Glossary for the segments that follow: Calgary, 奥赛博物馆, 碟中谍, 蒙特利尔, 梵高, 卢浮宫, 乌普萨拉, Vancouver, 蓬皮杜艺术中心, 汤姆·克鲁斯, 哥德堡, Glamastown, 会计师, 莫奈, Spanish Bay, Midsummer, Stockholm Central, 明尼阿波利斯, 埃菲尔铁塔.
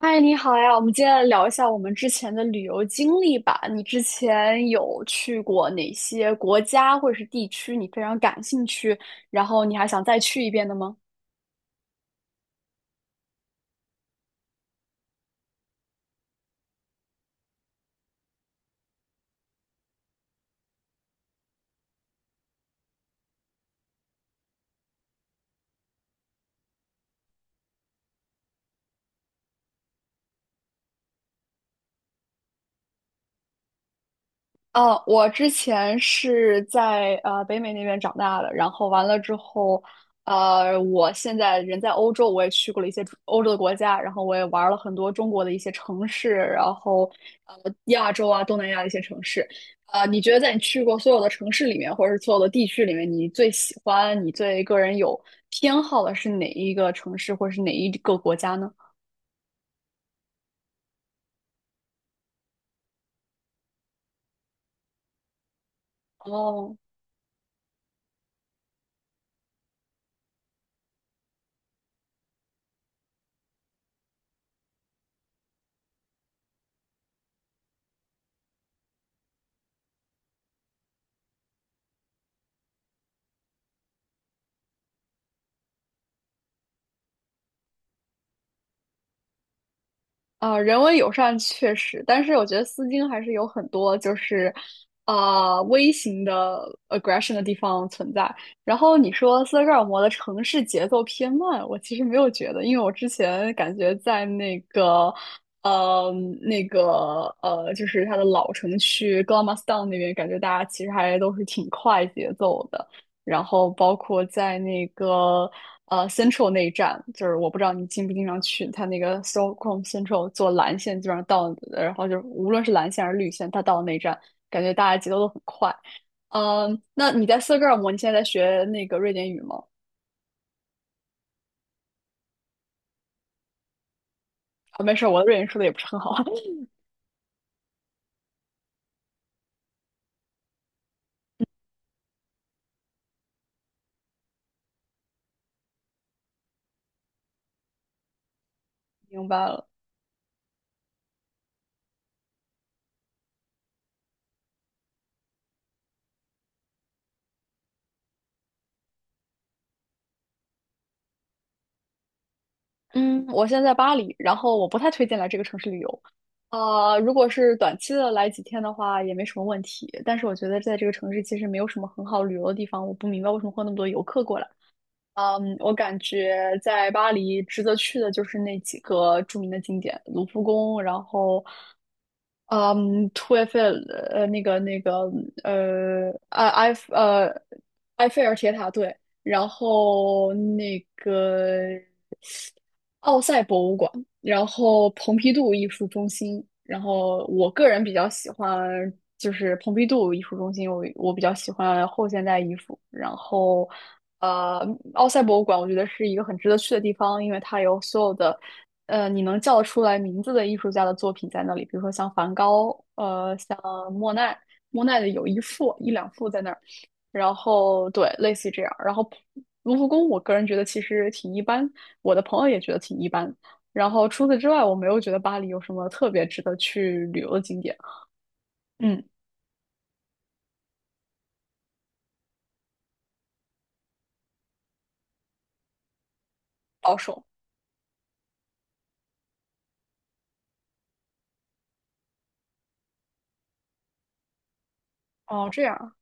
嗨，你好呀！我们接来聊一下我们之前的旅游经历吧。你之前有去过哪些国家或者是地区，你非常感兴趣，然后你还想再去一遍的吗？哦，我之前是在北美那边长大的，然后完了之后，我现在人在欧洲，我也去过了一些欧洲的国家，然后我也玩了很多中国的一些城市，然后亚洲啊东南亚的一些城市，你觉得在你去过所有的城市里面，或者是所有的地区里面，你最喜欢、你最个人有偏好的是哪一个城市，或者是哪一个国家呢？哦，啊，人文友善确实，但是我觉得丝巾还是有很多就是，微型的 aggression 的地方存在。然后你说斯德哥尔摩的城市节奏偏慢，我其实没有觉得，因为我之前感觉在那个，呃，就是它的老城区 g l a m a s t o w n 那边，感觉大家其实还都是挺快节奏的。然后包括在那个Central 那一站，就是我不知道你经不经常去，它那个 Stockholm Central 坐蓝线基本上到，然后就是无论是蓝线还是绿线，它到了那一站，感觉大家节奏都很快。嗯，那你在斯德哥尔摩，你现在在学那个瑞典语吗？啊，没事儿，我的瑞典说的也不是很好。明白了。嗯，我现在在巴黎，然后我不太推荐来这个城市旅游。呃，如果是短期的来几天的话，也没什么问题。但是我觉得在这个城市其实没有什么很好旅游的地方，我不明白为什么会有那么多游客过来。我感觉在巴黎值得去的就是那几个著名的景点，卢浮宫，然后嗯图埃菲尔呃那个那个呃埃埃菲呃埃菲尔铁塔对，然后那个奥赛博物馆。然后蓬皮杜艺术中心，然后我个人比较喜欢就是蓬皮杜艺术中心，我比较喜欢后现代艺术，然后呃，奥赛博物馆我觉得是一个很值得去的地方，因为它有所有的你能叫得出来名字的艺术家的作品在那里，比如说像梵高，像莫奈，莫奈的有一两幅在那儿，然后对，类似于这样，然后。卢浮宫，我个人觉得其实挺一般，我的朋友也觉得挺一般，然后除此之外，我没有觉得巴黎有什么特别值得去旅游的景点。嗯，保守。哦，这样啊。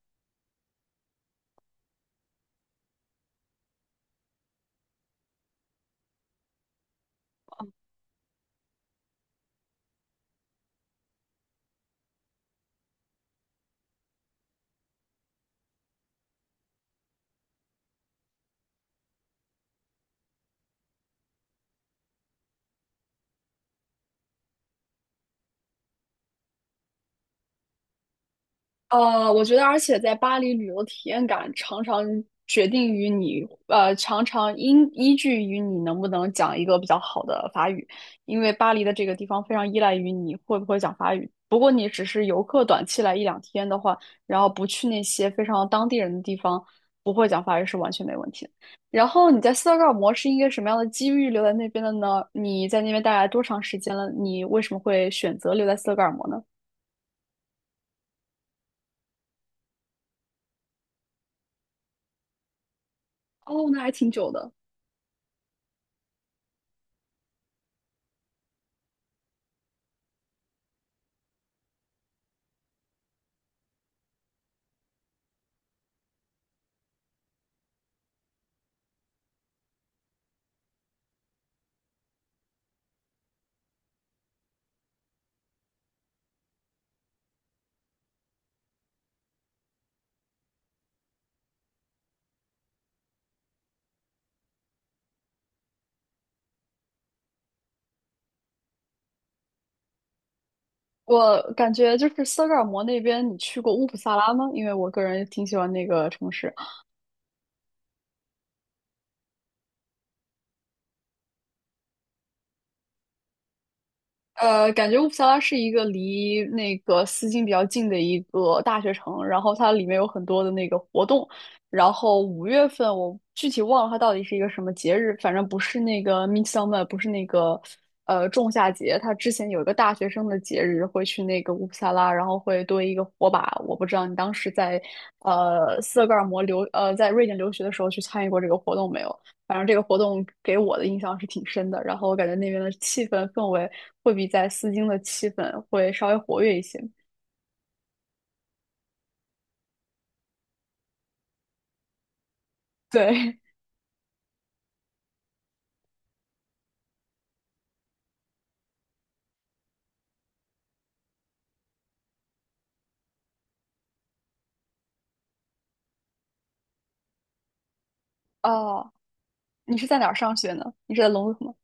我觉得，而且在巴黎旅游体验感常常决定于你，常常因依据于你能不能讲一个比较好的法语，因为巴黎的这个地方非常依赖于你会不会讲法语。不过你只是游客短期来一两天的话，然后不去那些非常当地人的地方，不会讲法语是完全没问题的。然后你在斯德哥尔摩是一个什么样的机遇留在那边的呢？你在那边待了多长时间了？你为什么会选择留在斯德哥尔摩呢？哦，那还挺久的。我感觉就是斯德哥尔摩那边，你去过乌普萨拉吗？因为我个人挺喜欢那个城市。呃，感觉乌普萨拉是一个离那个斯金比较近的一个大学城，然后它里面有很多的那个活动，然后五月份我具体忘了它到底是一个什么节日，反正不是那个 Midsummer,不是那个仲夏节，它之前有一个大学生的节日会去那个乌普萨拉，然后会堆一个火把，我不知道你当时在呃斯德哥尔摩留呃在瑞典留学的时候去参与过这个活动没有？反正这个活动给我的印象是挺深的，然后我感觉那边的气氛氛围会比在丝巾的气氛会稍微活跃一些。对，哦，你是在哪儿上学呢？你是在龙谷吗？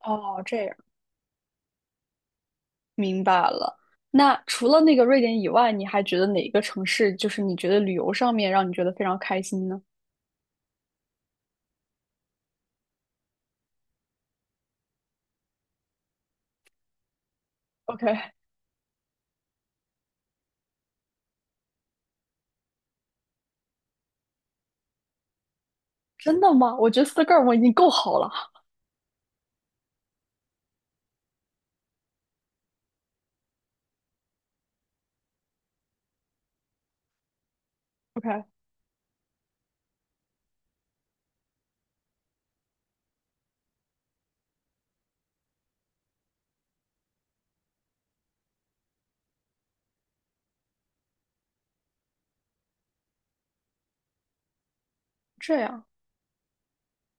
哦，这样，明白了。那除了那个瑞典以外，你还觉得哪个城市就是你觉得旅游上面让你觉得非常开心呢？OK,真的吗？我觉得斯德哥尔摩已经够好了。OK,这样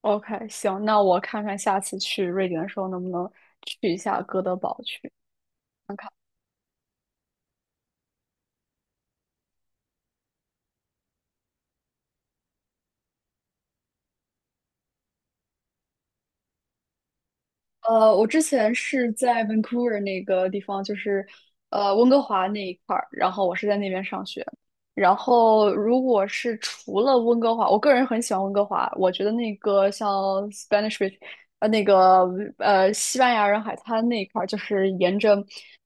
，OK,行，那我看看下次去瑞典的时候能不能去一下哥德堡去。看看。呃，我之前是在 Vancouver 那个地方，就是温哥华那一块儿，然后我是在那边上学。然后如果是除了温哥华，我个人很喜欢温哥华，我觉得那个像 Spanish Bay,呃那个西班牙人海滩那一块儿，就是沿着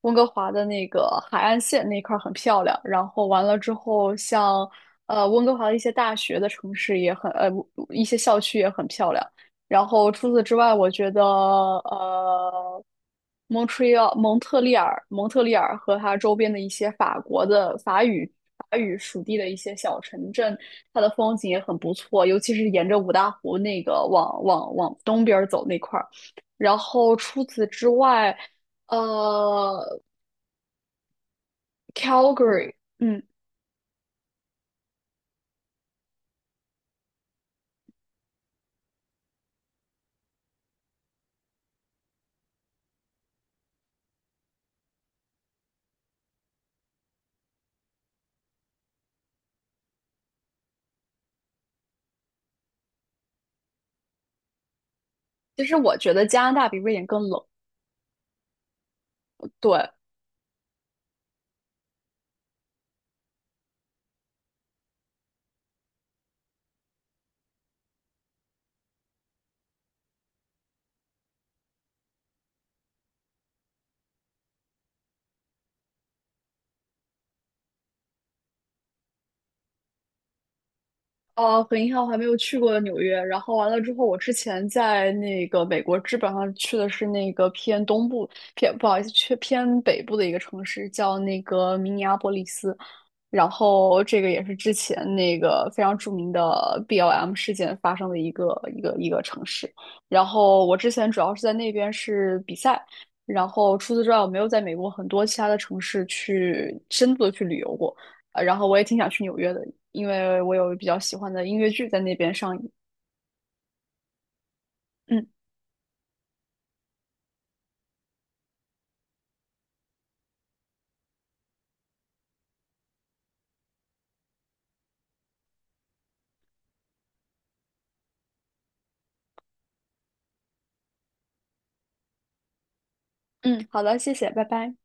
温哥华的那个海岸线那一块儿很漂亮。然后完了之后像，温哥华的一些大学的城市也很一些校区也很漂亮。然后除此之外，我觉得呃，蒙特利尔和它周边的一些法国的法语法语属地的一些小城镇，它的风景也很不错，尤其是沿着五大湖那个往东边儿走那块儿。然后除此之外，呃，Calgary,嗯，其实我觉得加拿大比瑞典更冷。对。呃，很遗憾，我还没有去过纽约。然后完了之后，我之前在那个美国，基本上去的是那个偏东部，偏不好意思，去偏北部的一个城市，叫那个明尼阿波利斯。然后这个也是之前那个非常著名的 BLM 事件发生的一个城市。然后我之前主要是在那边是比赛，然后除此之外，我没有在美国很多其他的城市去深度的去旅游过。然后我也挺想去纽约的，因为我有比较喜欢的音乐剧在那边上映。嗯嗯，好的，谢谢，拜拜。